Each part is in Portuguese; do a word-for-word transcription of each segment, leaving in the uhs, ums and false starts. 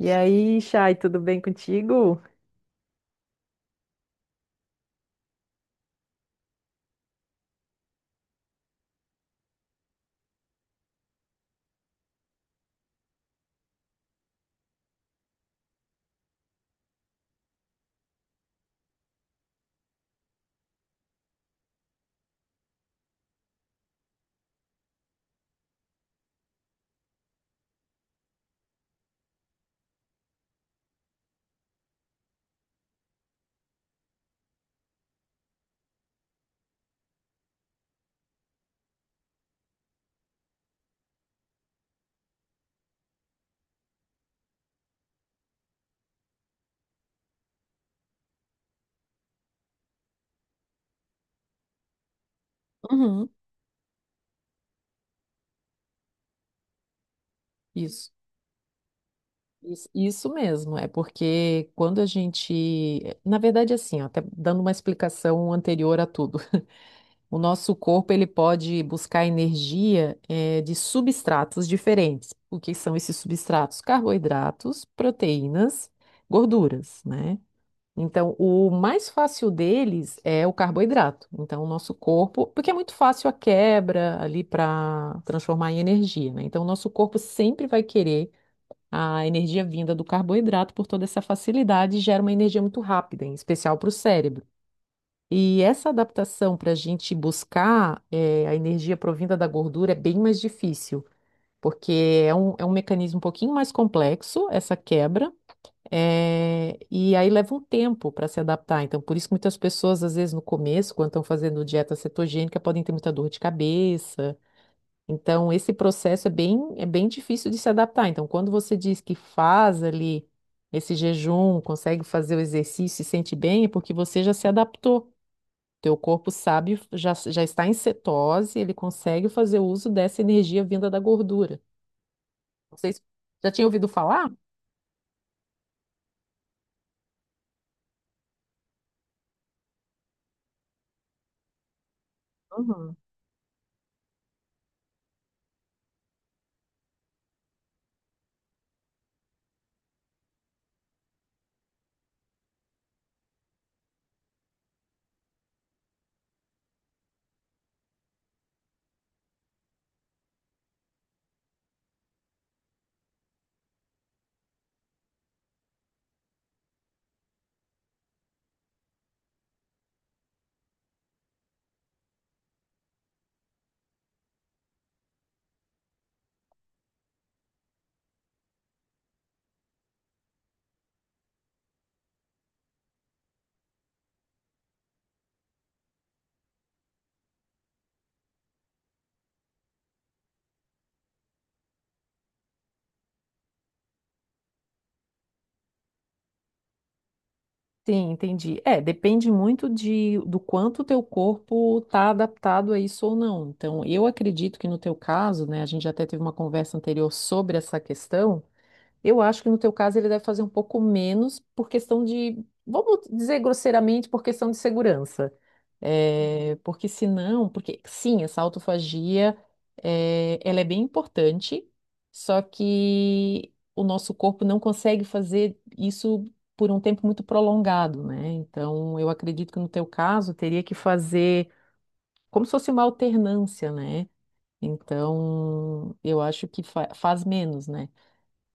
E aí, Chay, tudo bem contigo? Uhum, isso, isso, isso mesmo. É porque quando a gente, na verdade, assim, ó, até dando uma explicação anterior a tudo, o nosso corpo ele pode buscar energia eh, de substratos diferentes. O que são esses substratos? Carboidratos, proteínas, gorduras, né? Então, o mais fácil deles é o carboidrato. Então, o nosso corpo, porque é muito fácil a quebra ali para transformar em energia, né? Então, o nosso corpo sempre vai querer a energia vinda do carboidrato por toda essa facilidade e gera uma energia muito rápida, em especial para o cérebro. E essa adaptação para a gente buscar eh, a energia provinda da gordura é bem mais difícil, porque é um, é um mecanismo um pouquinho mais complexo, essa quebra. É, e aí leva um tempo para se adaptar. Então, por isso que muitas pessoas, às vezes, no começo, quando estão fazendo dieta cetogênica, podem ter muita dor de cabeça. Então, esse processo é bem, é bem difícil de se adaptar. Então, quando você diz que faz ali esse jejum, consegue fazer o exercício e sente bem, é porque você já se adaptou. Teu corpo sabe, já, já está em cetose, ele consegue fazer uso dessa energia vinda da gordura. Não sei se já tinha ouvido falar? Uhum. Sim, entendi. É, depende muito de, do quanto o teu corpo está adaptado a isso ou não. Então, eu acredito que no teu caso, né, a gente até teve uma conversa anterior sobre essa questão, eu acho que no teu caso ele deve fazer um pouco menos por questão de, vamos dizer grosseiramente, por questão de segurança. É, porque senão, porque sim, essa autofagia, é, ela é bem importante, só que o nosso corpo não consegue fazer isso por um tempo muito prolongado, né? Então, eu acredito que no teu caso teria que fazer como se fosse uma alternância, né? Então, eu acho que fa- faz menos, né?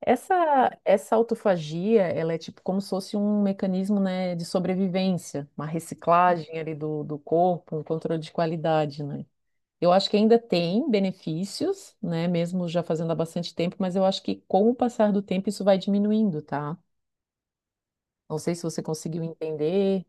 Essa, essa autofagia, ela é tipo como se fosse um mecanismo, né, de sobrevivência, uma reciclagem ali do, do corpo, um controle de qualidade, né? Eu acho que ainda tem benefícios, né, mesmo já fazendo há bastante tempo, mas eu acho que com o passar do tempo isso vai diminuindo, tá? Não sei se você conseguiu entender.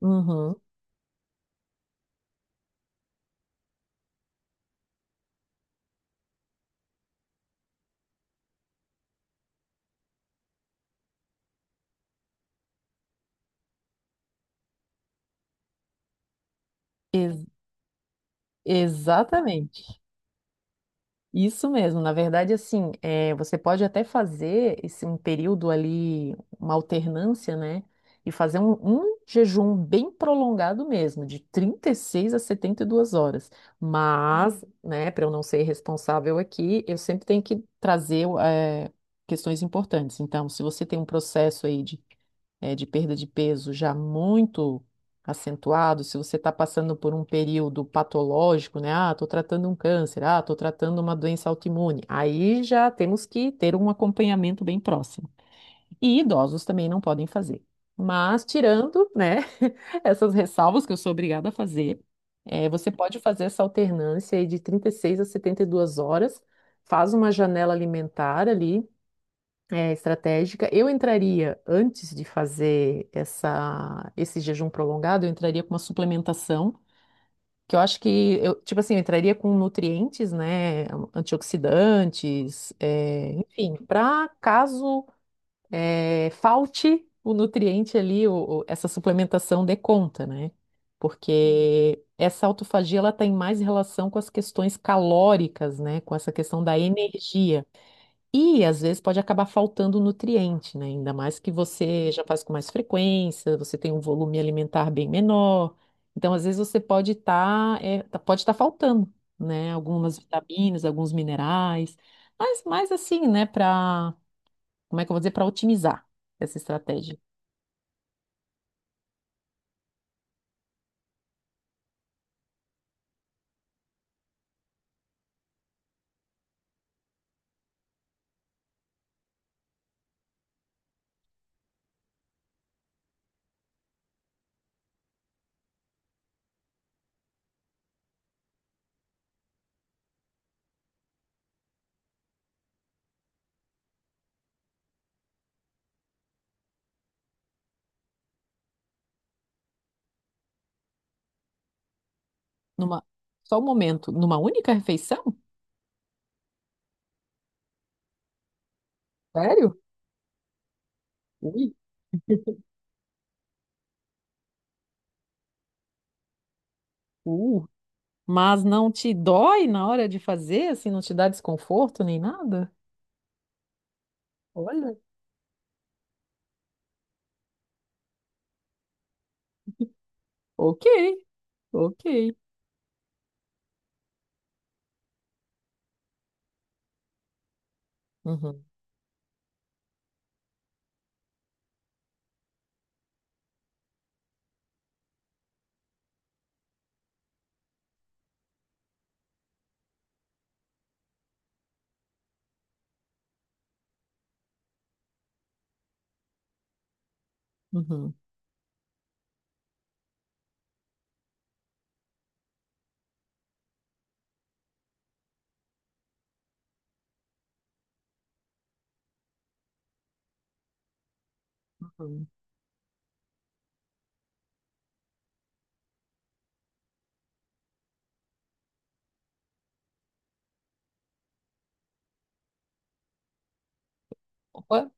Uhum. Ex- exatamente. Isso mesmo, na verdade, assim, é, você pode até fazer esse, um período ali, uma alternância, né? E fazer um, um jejum bem prolongado mesmo, de trinta e seis a setenta e duas horas. Mas, Uhum. né, para eu não ser irresponsável aqui, eu sempre tenho que trazer, eh, questões importantes. Então, se você tem um processo aí de eh, de perda de peso já muito acentuado, se você está passando por um período patológico, né? Ah, estou tratando um câncer, ah, estou tratando uma doença autoimune. Aí já temos que ter um acompanhamento bem próximo. E idosos também não podem fazer. Mas tirando, né, essas ressalvas que eu sou obrigada a fazer, eh, você pode fazer essa alternância aí de trinta e seis a setenta e duas horas, faz uma janela alimentar ali, é, estratégica. Eu entraria, antes de fazer essa, esse jejum prolongado, eu entraria com uma suplementação, que eu acho que, eu, tipo assim, eu entraria com nutrientes, né, antioxidantes, é, enfim, para caso é, falte o nutriente ali, o, o- essa suplementação dê conta, né? Porque essa autofagia, ela tem mais relação com as questões calóricas, né, com essa questão da energia. E às vezes pode acabar faltando nutriente, né? Ainda mais que você já faz com mais frequência, você tem um volume alimentar bem menor. Então, às vezes você pode estar, pode estar faltando, né? Algumas vitaminas, alguns minerais. Mas, mas assim, né? Para, como é que eu vou dizer? Para otimizar essa estratégia. Numa, só um momento, numa única refeição? Sério? Ui, uh. Mas não te dói na hora de fazer, assim, não te dá desconforto nem nada? Olha. Ok. Ok. Uhum, uhum, uhum. Opa,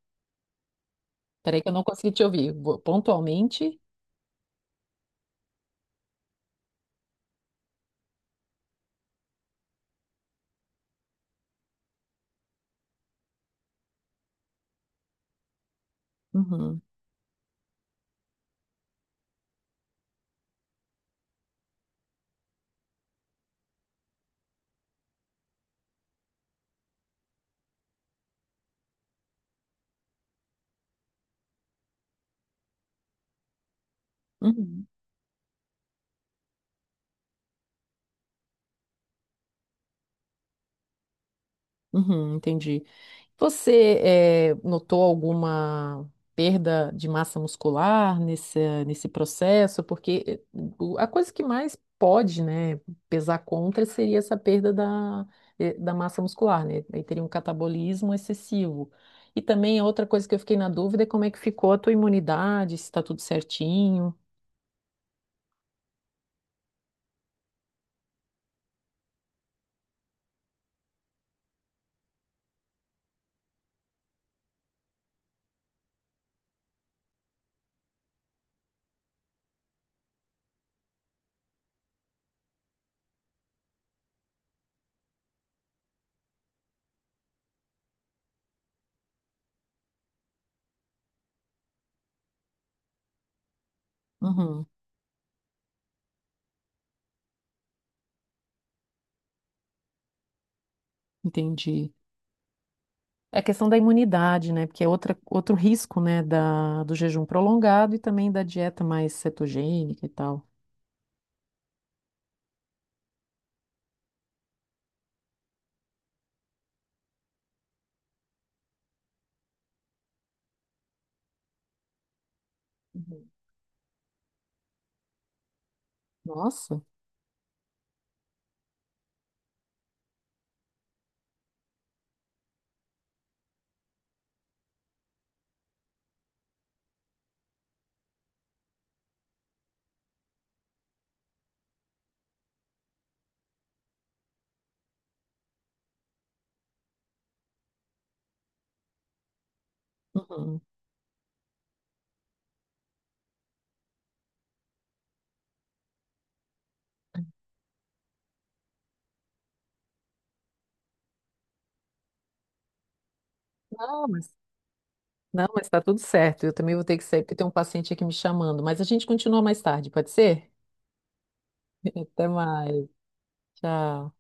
peraí que eu não consegui te ouvir. Vou- Pontualmente? Uhum, uhum, uhum, entendi. Você eh, notou alguma perda de massa muscular nesse, nesse processo? Porque eh, o- a coisa que mais pode, né, pesar contra seria essa perda da, eh, da massa muscular, né? Aí teria um catabolismo excessivo. E também outra coisa que eu fiquei na dúvida é como é que ficou a tua imunidade, se está tudo certinho. Entendi. É a questão da imunidade, né? Porque é outra, outro risco, né, da, do jejum prolongado e também da dieta mais cetogênica e tal. Uhum. Nossa. Uhum. Não, mas não, mas tá tudo certo. Eu também vou ter que sair porque tem um paciente aqui me chamando. Mas a gente continua mais tarde, pode ser? Até mais. Tchau.